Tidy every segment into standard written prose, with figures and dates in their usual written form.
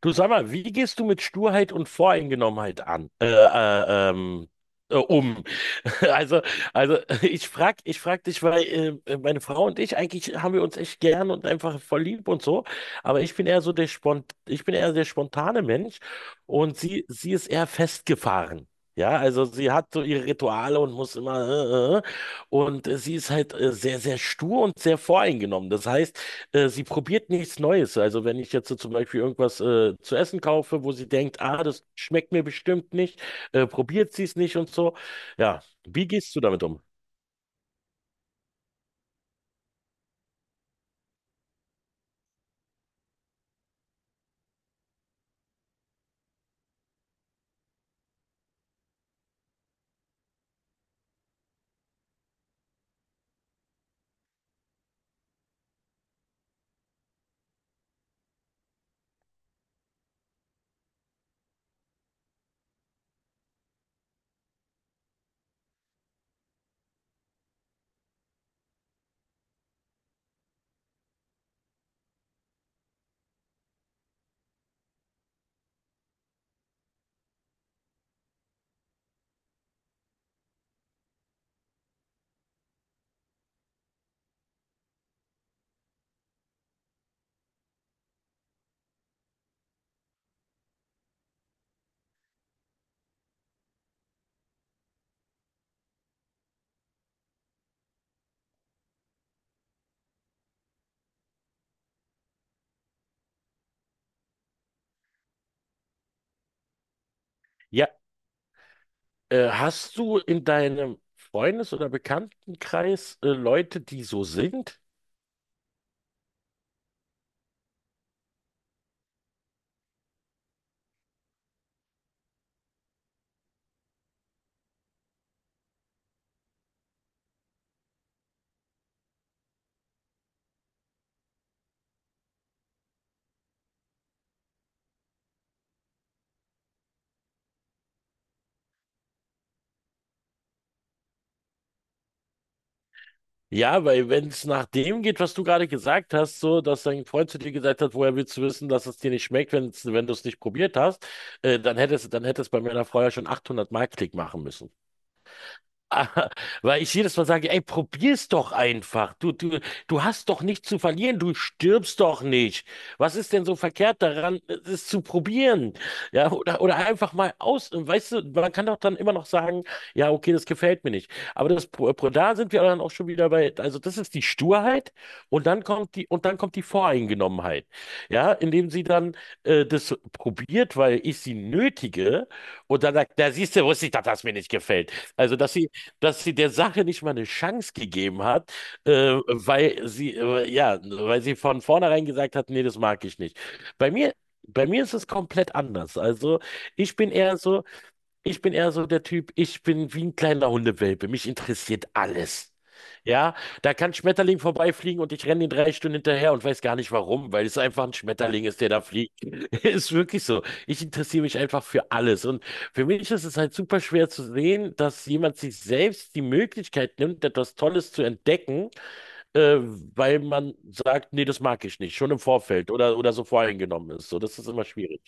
Du sag mal, wie gehst du mit Sturheit und Voreingenommenheit an, um? Also, also, ich frag dich, weil meine Frau und ich eigentlich haben wir uns echt gern und einfach voll lieb und so, aber ich bin eher so der ich bin eher der spontane Mensch und sie ist eher festgefahren. Ja, also sie hat so ihre Rituale und muss immer äh, äh, äh. Und sie ist halt sehr, sehr stur und sehr voreingenommen. Das heißt, sie probiert nichts Neues. Also wenn ich jetzt so zum Beispiel irgendwas zu essen kaufe, wo sie denkt, ah, das schmeckt mir bestimmt nicht, probiert sie es nicht und so. Ja, wie gehst du damit um? Ja, hast du in deinem Freundes- oder Bekanntenkreis Leute, die so sind? Ja, weil wenn es nach dem geht, was du gerade gesagt hast, so, dass dein Freund zu dir gesagt hat, woher willst du wissen, dass es dir nicht schmeckt, wenn du es nicht probiert hast, dann hätte es bei meiner Frau ja schon 800 Mark Klick machen müssen. Weil ich jedes Mal sage, ey, probier's doch einfach. Du hast doch nichts zu verlieren, du stirbst doch nicht. Was ist denn so verkehrt daran, es zu probieren? Ja, oder einfach mal aus. Weißt du, man kann doch dann immer noch sagen, ja, okay, das gefällt mir nicht. Aber das, da sind wir dann auch schon wieder bei, also das ist die Sturheit und dann kommt die Voreingenommenheit. Ja, indem sie dann das probiert, weil ich sie nötige und dann sagt, da siehst du, wusste ich, dass das mir nicht gefällt. Also, dass sie der Sache nicht mal eine Chance gegeben hat, ja, weil sie von vornherein gesagt hat, nee, das mag ich nicht. Bei mir, bei mir ist es komplett anders. Also ich bin eher so, ich bin eher so der Typ, ich bin wie ein kleiner Hundewelpe. Mich interessiert alles. Ja, da kann Schmetterling vorbeifliegen und ich renne ihn drei Stunden hinterher und weiß gar nicht warum, weil es einfach ein Schmetterling ist, der da fliegt. Ist wirklich so. Ich interessiere mich einfach für alles. Und für mich ist es halt super schwer zu sehen, dass jemand sich selbst die Möglichkeit nimmt, etwas Tolles zu entdecken, äh, weil man sagt, nee, das mag ich nicht, schon im Vorfeld oder so voreingenommen ist. So, das ist immer schwierig.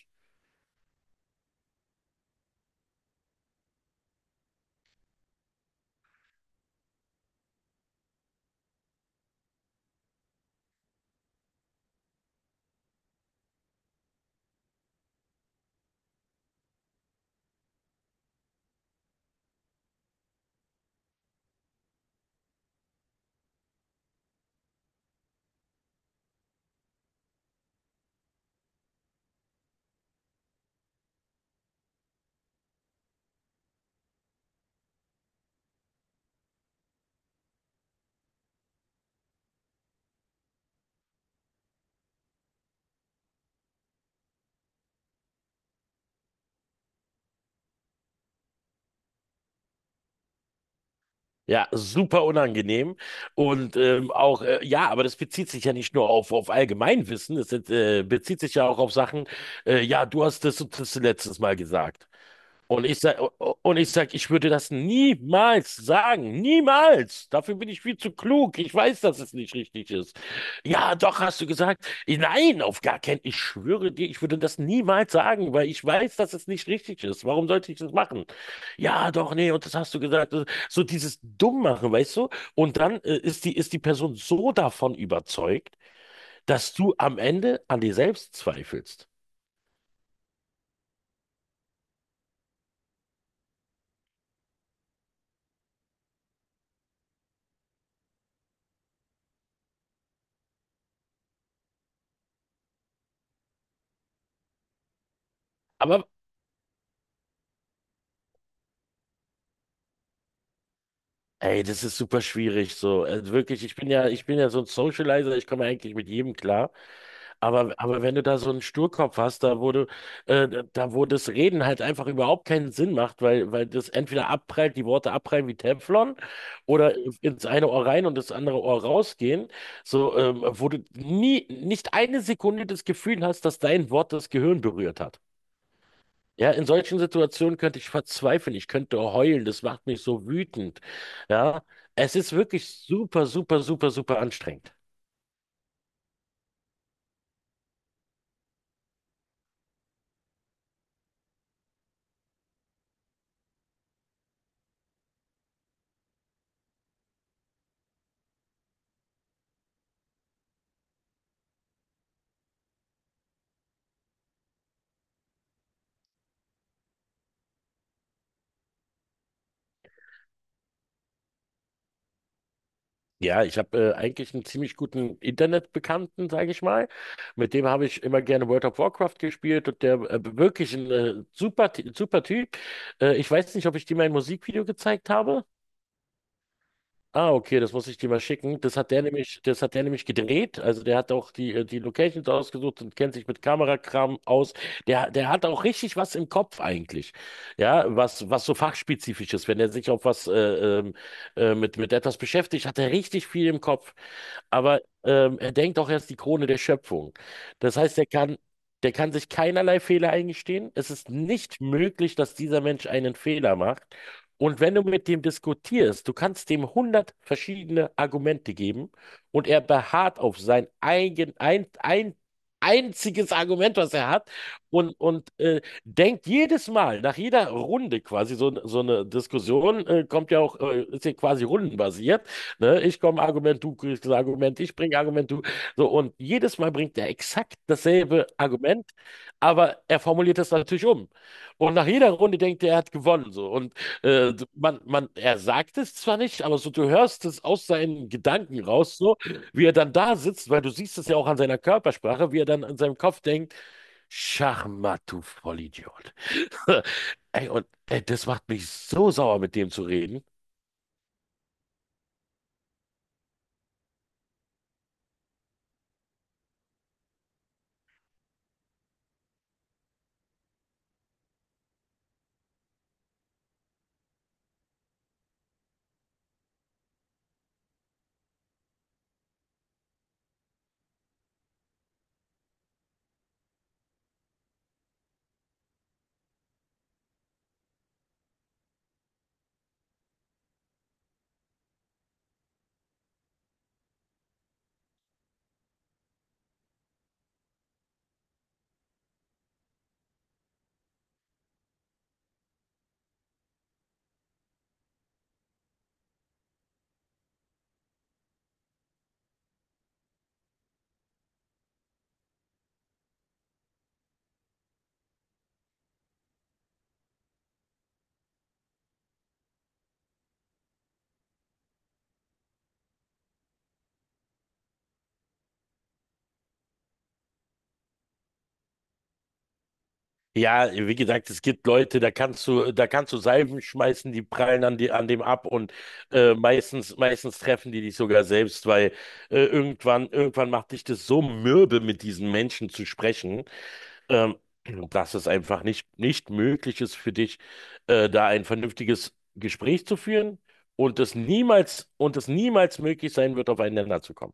Ja, super unangenehm. Und ja, aber das bezieht sich ja nicht nur auf Allgemeinwissen, es bezieht sich ja auch auf Sachen, ja, du hast das und das letztes Mal gesagt. Und ich sag, und ich sag, ich würde das niemals sagen. Niemals. Dafür bin ich viel zu klug. Ich weiß, dass es nicht richtig ist. Ja, doch, hast du gesagt. Nein, auf gar keinen. Ich schwöre dir, ich würde das niemals sagen, weil ich weiß, dass es nicht richtig ist. Warum sollte ich das machen? Ja, doch, nee, und das hast du gesagt. So dieses Dummmachen, weißt du? Und dann ist die Person so davon überzeugt, dass du am Ende an dir selbst zweifelst. Aber, ey, das ist super schwierig so. Also wirklich, ich bin ja so ein Socializer, ich komme eigentlich mit jedem klar. Aber wenn du da so einen Sturkopf hast, da wo das Reden halt einfach überhaupt keinen Sinn macht, weil das entweder abprallt, die Worte abprallen wie Teflon oder ins eine Ohr rein und das andere Ohr rausgehen, so, wo du nie, nicht eine Sekunde das Gefühl hast, dass dein Wort das Gehirn berührt hat. Ja, in solchen Situationen könnte ich verzweifeln, ich könnte heulen, das macht mich so wütend. Ja, es ist wirklich super, super, super, super anstrengend. Ja, ich habe eigentlich einen ziemlich guten Internetbekannten, sage ich mal. Mit dem habe ich immer gerne World of Warcraft gespielt und der wirklich ein super Typ. Ich weiß nicht, ob ich dir mein Musikvideo gezeigt habe. Ah, okay, das muss ich dir mal schicken. Das hat der nämlich gedreht. Also der hat auch die Locations ausgesucht und kennt sich mit Kamerakram aus. Der hat auch richtig was im Kopf eigentlich. Ja, was so fachspezifisch ist. Wenn er sich auf ähm, mit etwas beschäftigt, hat er richtig viel im Kopf. Aber er denkt auch, er ist die Krone der Schöpfung. Das heißt, der kann sich keinerlei Fehler eingestehen. Es ist nicht möglich, dass dieser Mensch einen Fehler macht. Und wenn du mit dem diskutierst, du kannst dem hundert verschiedene Argumente geben und er beharrt auf sein ein einziges Argument, was er hat und denkt jedes Mal, nach jeder Runde quasi, so, so eine Diskussion ist ja quasi rundenbasiert, ne? Ich komme Argument, du kriegst das Argument, ich bringe Argument, du, so und jedes Mal bringt er exakt dasselbe Argument, aber er formuliert es natürlich um. Und nach jeder Runde denkt er, er hat gewonnen. So. Und er sagt es zwar nicht, aber so du hörst es aus seinen Gedanken raus, so wie er dann da sitzt, weil du siehst es ja auch an seiner Körpersprache, wie er dann an seinem Kopf denkt, Schachmatt, du Vollidiot. Ey, und ey, das macht mich so sauer, mit dem zu reden. Ja, wie gesagt, es gibt Leute, da kannst du Salven schmeißen, die prallen an, an dem ab und meistens treffen die dich sogar selbst, weil irgendwann macht dich das so mürbe, mit diesen Menschen zu sprechen. ähm, dass es einfach nicht möglich ist für dich, da ein vernünftiges Gespräch zu führen und es niemals möglich sein wird, aufeinander zu kommen.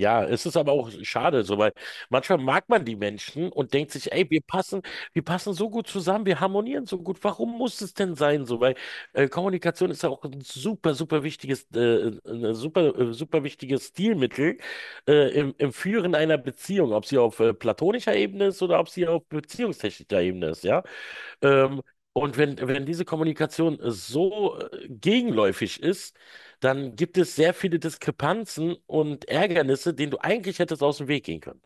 Ja, es ist aber auch schade, so, weil manchmal mag man die Menschen und denkt sich, ey, wir passen so gut zusammen, wir harmonieren so gut. Warum muss es denn sein, so? Weil Kommunikation ist ja auch ein super, super wichtiges, super wichtiges Stilmittel im Führen einer Beziehung, ob sie auf platonischer Ebene ist oder ob sie auf beziehungstechnischer Ebene ist, ja. Ähm, wenn diese Kommunikation so gegenläufig ist, dann gibt es sehr viele Diskrepanzen und Ärgernisse, denen du eigentlich hättest aus dem Weg gehen können.